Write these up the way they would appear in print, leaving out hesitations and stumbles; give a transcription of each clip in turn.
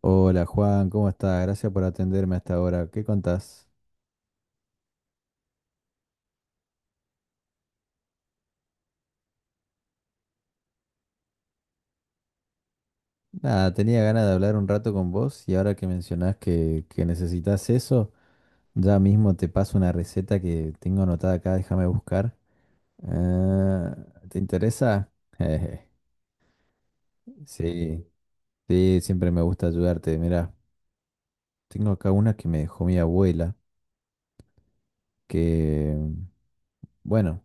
Hola Juan, ¿cómo estás? Gracias por atenderme hasta ahora. ¿Qué contás? Nada, tenía ganas de hablar un rato con vos y ahora que mencionás que necesitas eso, ya mismo te paso una receta que tengo anotada acá, déjame buscar. Ah, ¿te interesa? Sí, sí, siempre me gusta ayudarte. Mira, tengo acá una que me dejó mi abuela, que, bueno,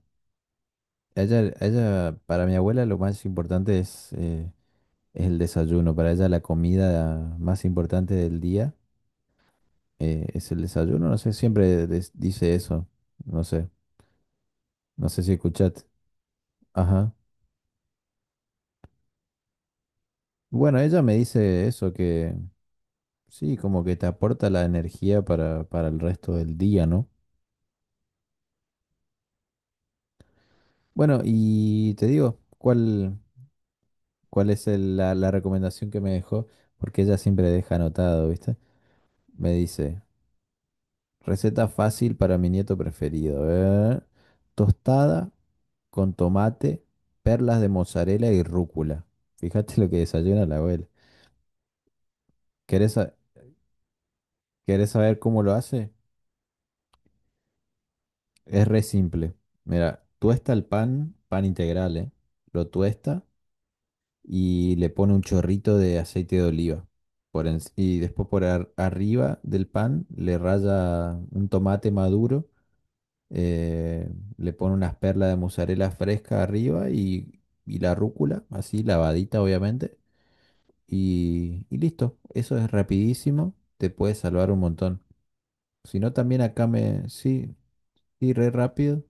para mi abuela lo más importante es es el desayuno. Para ella la comida más importante del día es el desayuno. No sé, siempre dice eso. No sé, no sé si escuchaste. Ajá. Bueno, ella me dice eso, que sí, como que te aporta la energía para el resto del día, ¿no? Bueno, y te digo, ¿cuál es la recomendación que me dejó? Porque ella siempre deja anotado, ¿viste? Me dice, receta fácil para mi nieto preferido. Tostada con tomate, perlas de mozzarella y rúcula. Fíjate lo que desayuna la abuela. ¿Querés, sa- ¿querés saber cómo lo hace? Es re simple. Mira, tuesta el pan, pan integral, Lo tuesta y le pone un chorrito de aceite de oliva. Y después arriba del pan le raya un tomate maduro eh, le pone unas perlas de mozzarella fresca arriba y la rúcula, así lavadita obviamente, y listo. Eso es rapidísimo, te puede salvar un montón. Si no, también acá me... Sí, sí, re rápido.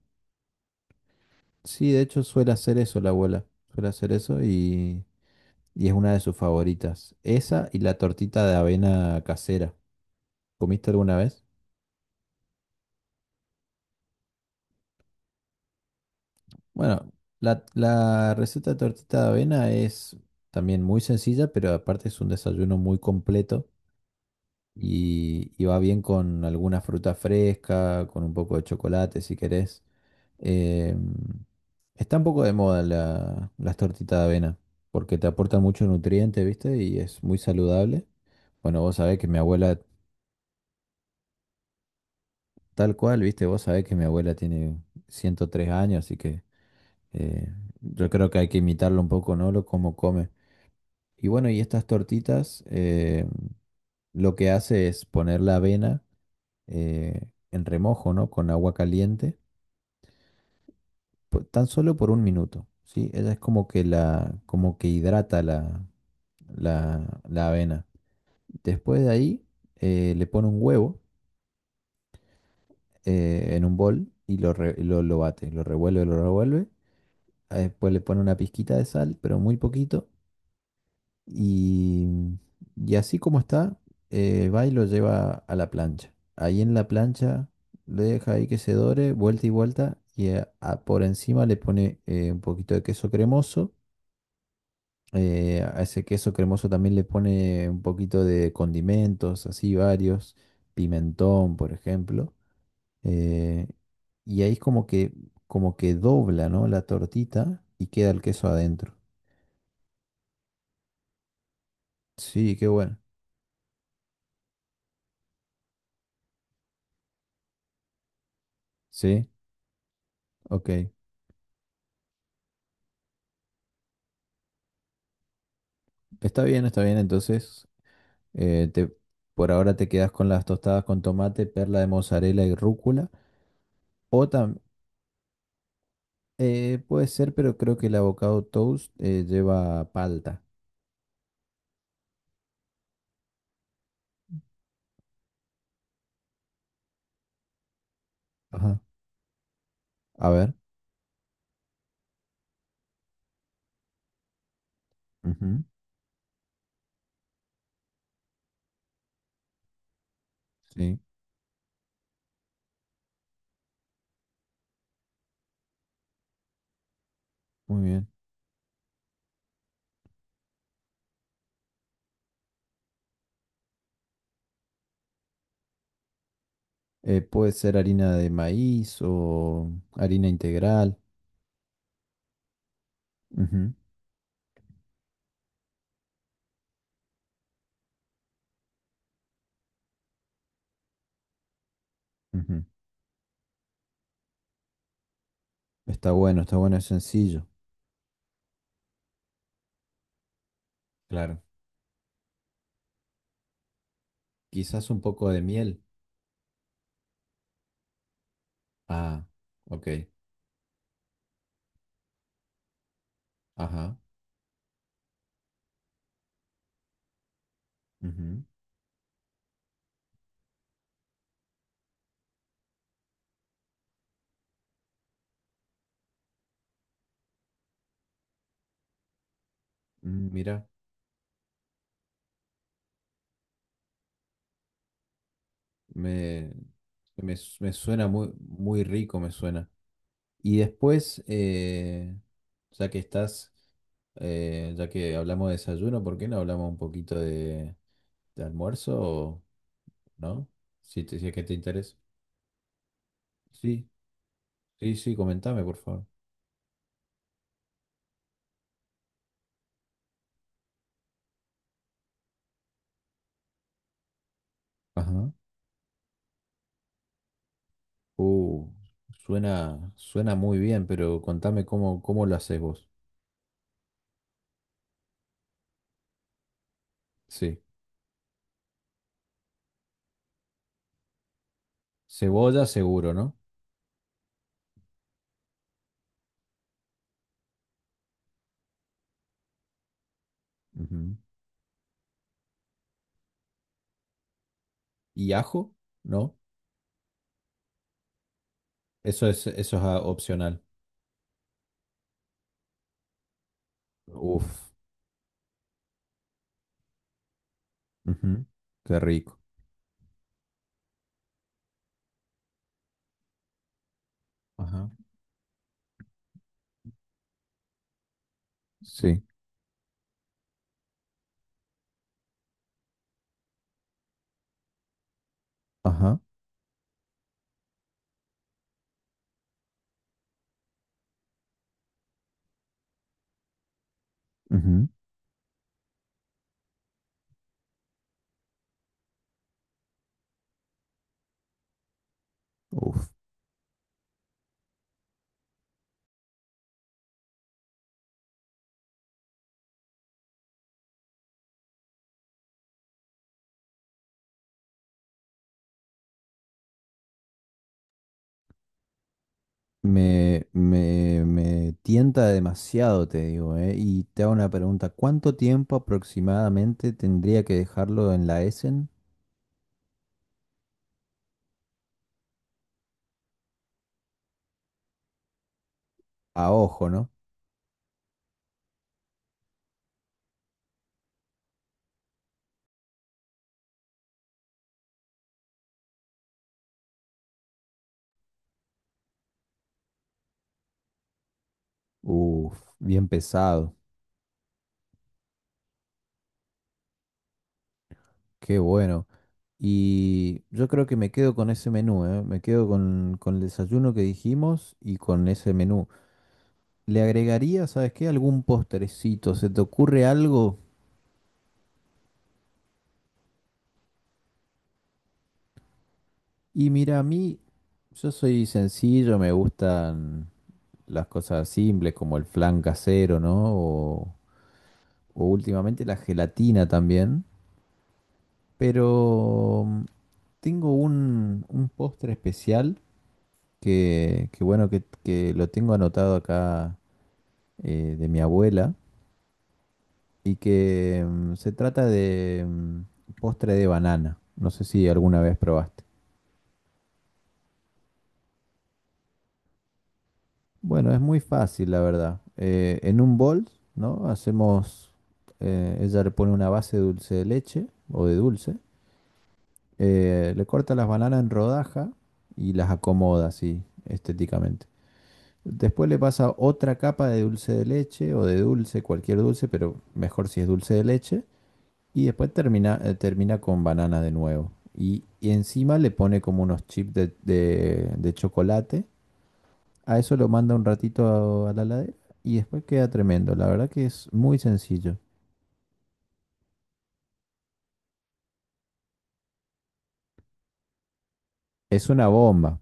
Sí, de hecho suele hacer eso la abuela, suele hacer eso y es una de sus favoritas. Esa y la tortita de avena casera. ¿Comiste alguna vez? Bueno, la receta de tortita de avena es también muy sencilla, pero aparte es un desayuno muy completo y va bien con alguna fruta fresca, con un poco de chocolate si querés. Eh, Está un poco de moda las tortitas de avena porque te aportan mucho nutriente, ¿viste? Y es muy saludable. Bueno, vos sabés que mi abuela, tal cual, ¿viste? Vos sabés que mi abuela tiene 103 años, así que eh, yo creo que hay que imitarlo un poco, ¿no? Lo cómo come. Y bueno, y estas tortitas lo que hace es poner la avena en remojo, ¿no? Con agua caliente, tan solo por un minuto, ¿sí? Ella es como que la, como que hidrata la avena. Después de ahí le pone un huevo en un bol y lo bate, lo revuelve, lo revuelve. Ah, después le pone una pizquita de sal, pero muy poquito. Y, y así como está, va y lo lleva a la plancha. Ahí en la plancha lo deja ahí que se dore, vuelta y vuelta, y por encima le pone un poquito de queso cremoso. A ese queso cremoso también le pone un poquito de condimentos, así varios, pimentón, por ejemplo. eh, y ahí es como que dobla, ¿no? La tortita y queda el queso adentro. Sí, qué bueno. Sí, ok. Está bien, está bien. Entonces, eh, te- por ahora te quedas con las tostadas con tomate, perla de mozzarella y rúcula. O también, puede ser, pero creo que el avocado toast lleva palta. Ajá. A ver. Ujú. Sí, muy bien. Puede ser harina de maíz o harina integral. Ujú, ujú. Está bueno, es sencillo. Claro. Quizás un poco de miel. Ah, ok. Ajá. Ujú. Mm, mira. Me, me suena muy, muy rico, me suena. Y después, ya que estás, ya que hablamos de desayuno, ¿por qué no hablamos un poquito de almuerzo o no? Si, te, si es que te interesa. Sí, sí, sí, comentame, por favor. Ajá. Uh, suena, suena muy bien, pero contame cómo, cómo lo haces vos. Sí. Cebolla seguro, ¿no? Ujú. ¿Y ajo? ¿No? Eso es opcional. Uf. Ujú, qué rico. Ajá. Sí. Ajá. Ujú, uf. Me tienta demasiado, te digo, ¿eh? Y te hago una pregunta. ¿Cuánto tiempo aproximadamente tendría que dejarlo en la Essen? A ojo, ¿no? Uf, bien pesado. Qué bueno. Y yo creo que me quedo con ese menú, ¿eh? Me quedo con el desayuno que dijimos y con ese menú. ¿Le agregaría, sabes qué, algún postrecito? ¿Se te ocurre algo? Y mira, a mí, yo soy sencillo, me gustan las cosas simples como el flan casero, ¿no? O últimamente la gelatina también. Pero mm, tengo un postre especial que bueno, que lo tengo anotado acá de mi abuela y que mm, se trata de mm, postre de banana. No sé si alguna vez probaste. Bueno, es muy fácil, la verdad. En un bol, ¿no? Hacemos, ella le pone una base de dulce de leche o de dulce, le corta las bananas en rodaja y las acomoda así estéticamente. Después le pasa otra capa de dulce de leche o de dulce, cualquier dulce, pero mejor si es dulce de leche. Y después termina, termina con banana de nuevo. Y encima le pone como unos chips de chocolate. A eso lo manda un ratito a la heladera y después queda tremendo. La verdad que es muy sencillo. Es una bomba,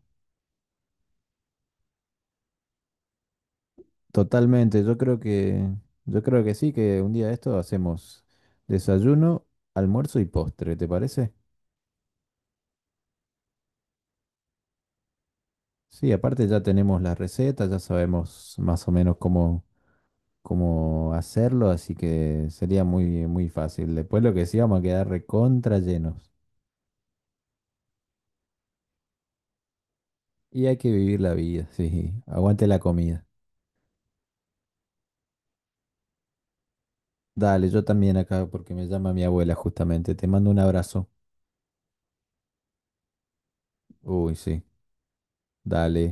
totalmente. Yo creo que sí, que un día de esto hacemos desayuno, almuerzo y postre, ¿te parece? Sí, aparte ya tenemos las recetas, ya sabemos más o menos cómo, cómo hacerlo, así que sería muy, muy fácil. Después lo que sí, vamos a quedar recontra llenos. Y hay que vivir la vida, sí. Aguante la comida. Dale, yo también acá porque me llama mi abuela justamente. Te mando un abrazo. Uy, sí. Dale.